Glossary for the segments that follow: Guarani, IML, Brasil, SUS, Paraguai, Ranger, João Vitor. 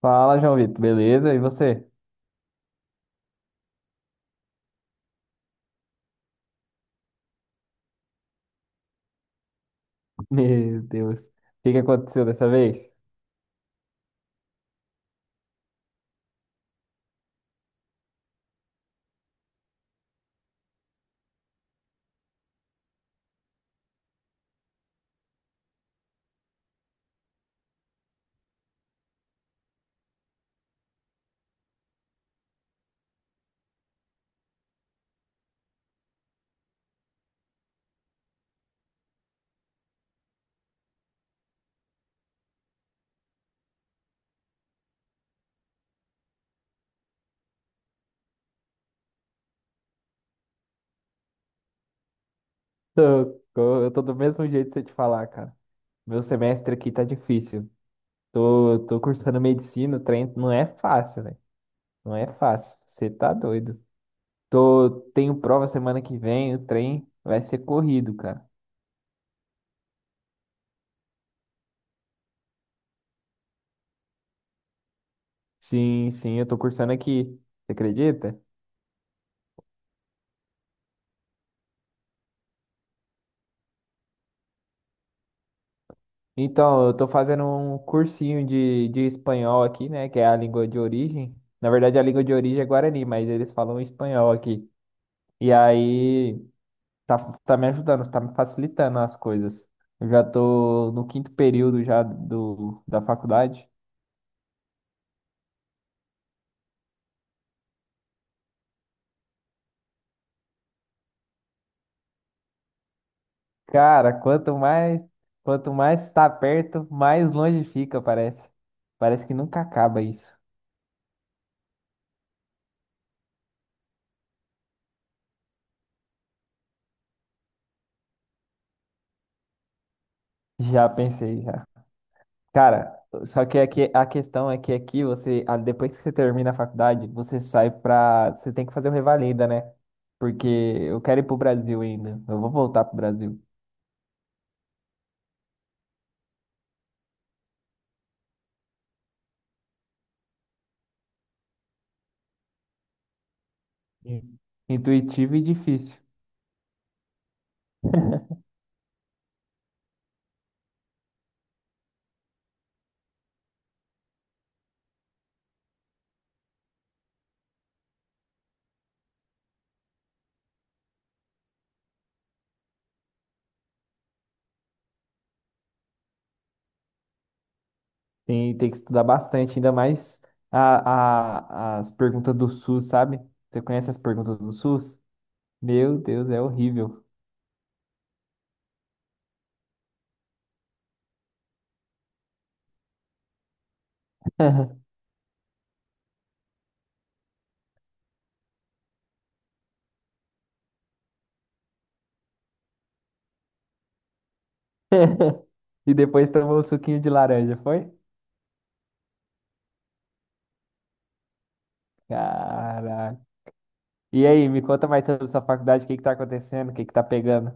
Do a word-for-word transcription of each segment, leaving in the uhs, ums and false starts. Fala, João Vitor, beleza? E você? Meu Deus, o que que aconteceu dessa vez? Tô- tô- Eu tô do mesmo jeito de você te falar, cara. Meu semestre aqui tá difícil. Tô, tô cursando medicina, o trem não é fácil, né? Não é fácil. Você tá doido. Tô, tenho prova semana que vem, o trem vai ser corrido, cara. Sim, sim, eu tô cursando aqui. Você acredita? Então, eu tô fazendo um cursinho de, de espanhol aqui, né? Que é a língua de origem. Na verdade, a língua de origem é Guarani, mas eles falam espanhol aqui. E aí, tá, tá me ajudando, tá me facilitando as coisas. Eu já tô no quinto período já do, da faculdade. Cara, quanto mais, quanto mais está perto, mais longe fica, parece. Parece que nunca acaba isso. Já pensei, já. Cara, só que aqui, a questão é que aqui você, ah, depois que você termina a faculdade, você sai pra. Você tem que fazer o revalida, né? Porque eu quero ir pro Brasil ainda. Eu vou voltar pro Brasil. Sim. Intuitivo e difícil. Tem, tem que estudar bastante, ainda mais a, a- as perguntas do SUS, sabe? Você conhece as perguntas do SUS? Meu Deus, é horrível. E depois tomou um suquinho de laranja, foi? Caraca. E aí, me conta mais sobre sua faculdade, o que que tá acontecendo, o que que tá pegando?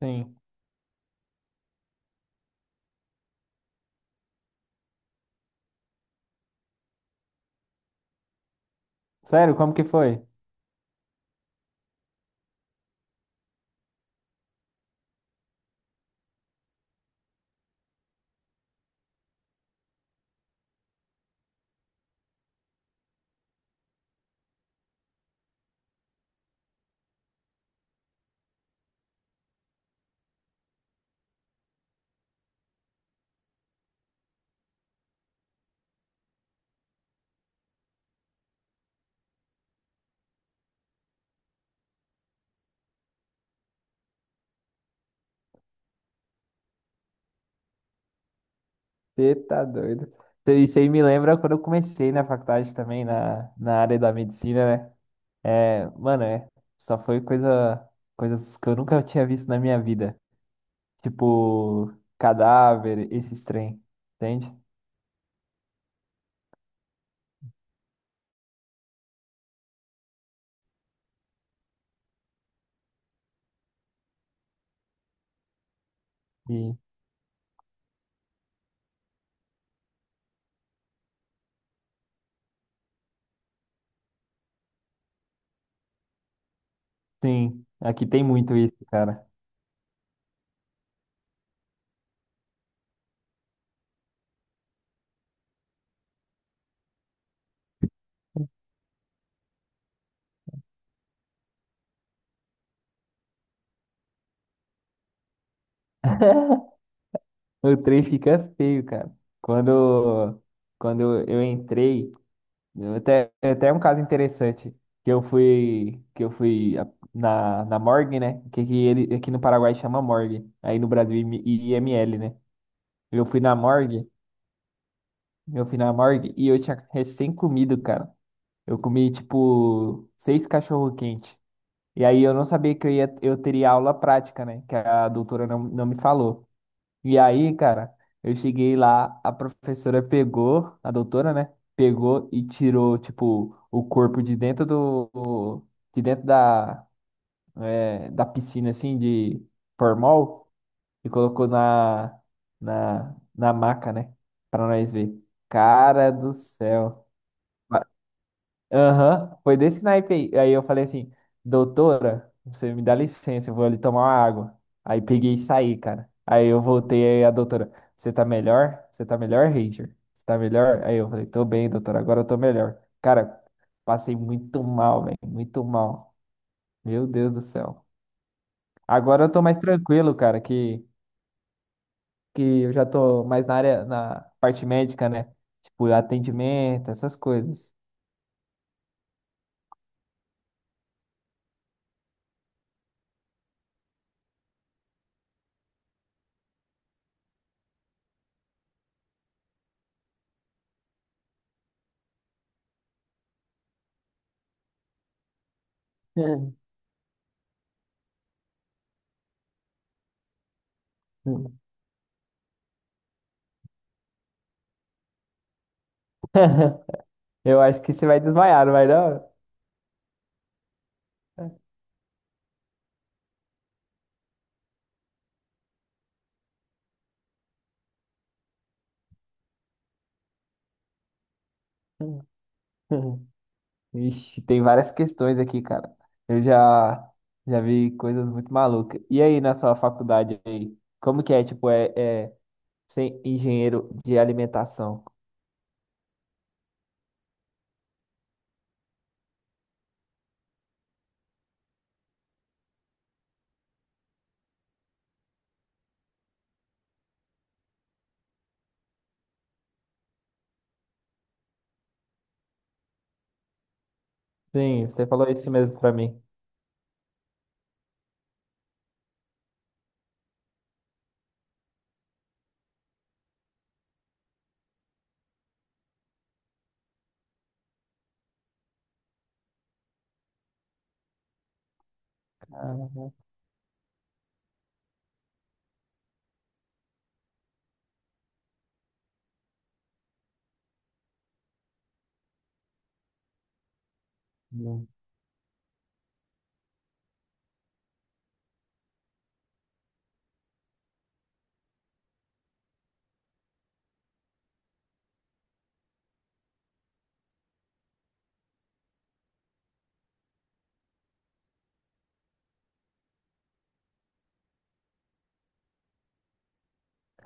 Sim. Sério, como que foi? Você tá doido. Isso aí me lembra quando eu comecei na faculdade também, na, na área da medicina, né? É, mano, é, só foi coisa, coisas que eu nunca tinha visto na minha vida. Tipo, cadáver, esses trem, entende? E, sim, aqui tem muito isso, cara. O trem fica feio, cara. Quando, quando eu entrei, eu Até, até um caso interessante que eu fui que eu fui a- na, na morgue, né? Que, que ele aqui no Paraguai chama morgue, aí no Brasil IM- I M L, né? Eu fui na morgue, eu fui na morgue e eu tinha recém comido, cara. Eu comi tipo seis cachorro quente. E aí eu não sabia que eu ia eu teria aula prática, né? Que a doutora não, não me falou. E aí, cara, eu cheguei lá, a professora pegou, a doutora, né? Pegou e tirou, tipo, o corpo de dentro do, de dentro da, é, da piscina, assim, de formol e colocou na, na, na maca, né? Pra nós ver. Cara do céu. Aham, foi desse naipe aí. Aí eu falei assim, doutora, você me dá licença, eu vou ali tomar uma água. Aí peguei e saí, cara. Aí eu voltei, aí a doutora, você tá melhor? Você tá melhor, Ranger? Você tá melhor? Aí eu falei, tô bem, doutora, agora eu tô melhor. Cara, passei muito mal, velho, muito mal. Meu Deus do céu. Agora eu tô mais tranquilo, cara, que, que eu já tô mais na área, na parte médica, né? Tipo, atendimento, essas coisas. Eu acho que você vai desmaiar, não vai não? Ixi, tem várias questões aqui, cara. Eu já já vi coisas muito malucas. E aí, na sua faculdade aí, como que é, tipo, é, é ser engenheiro de alimentação? Sim, você falou isso mesmo pra mim. Ah, hum.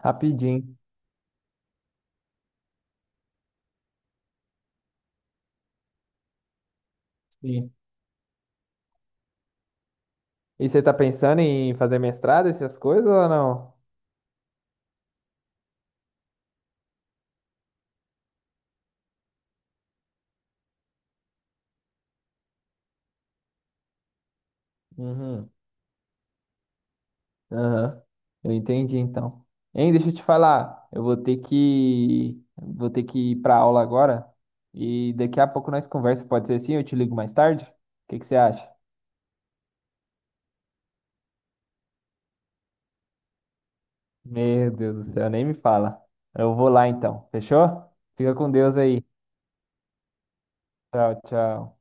Rapidinho. Sim. E você tá pensando em fazer mestrado, essas coisas ou não? Uhum. Aham, eu entendi então. Hein, deixa eu te falar, eu vou ter que vou ter que ir para aula agora e daqui a pouco nós conversa, pode ser assim? Eu te ligo mais tarde? O que que você acha? Meu Deus do céu, nem me fala. Eu vou lá então, fechou? Fica com Deus aí. Tchau, tchau.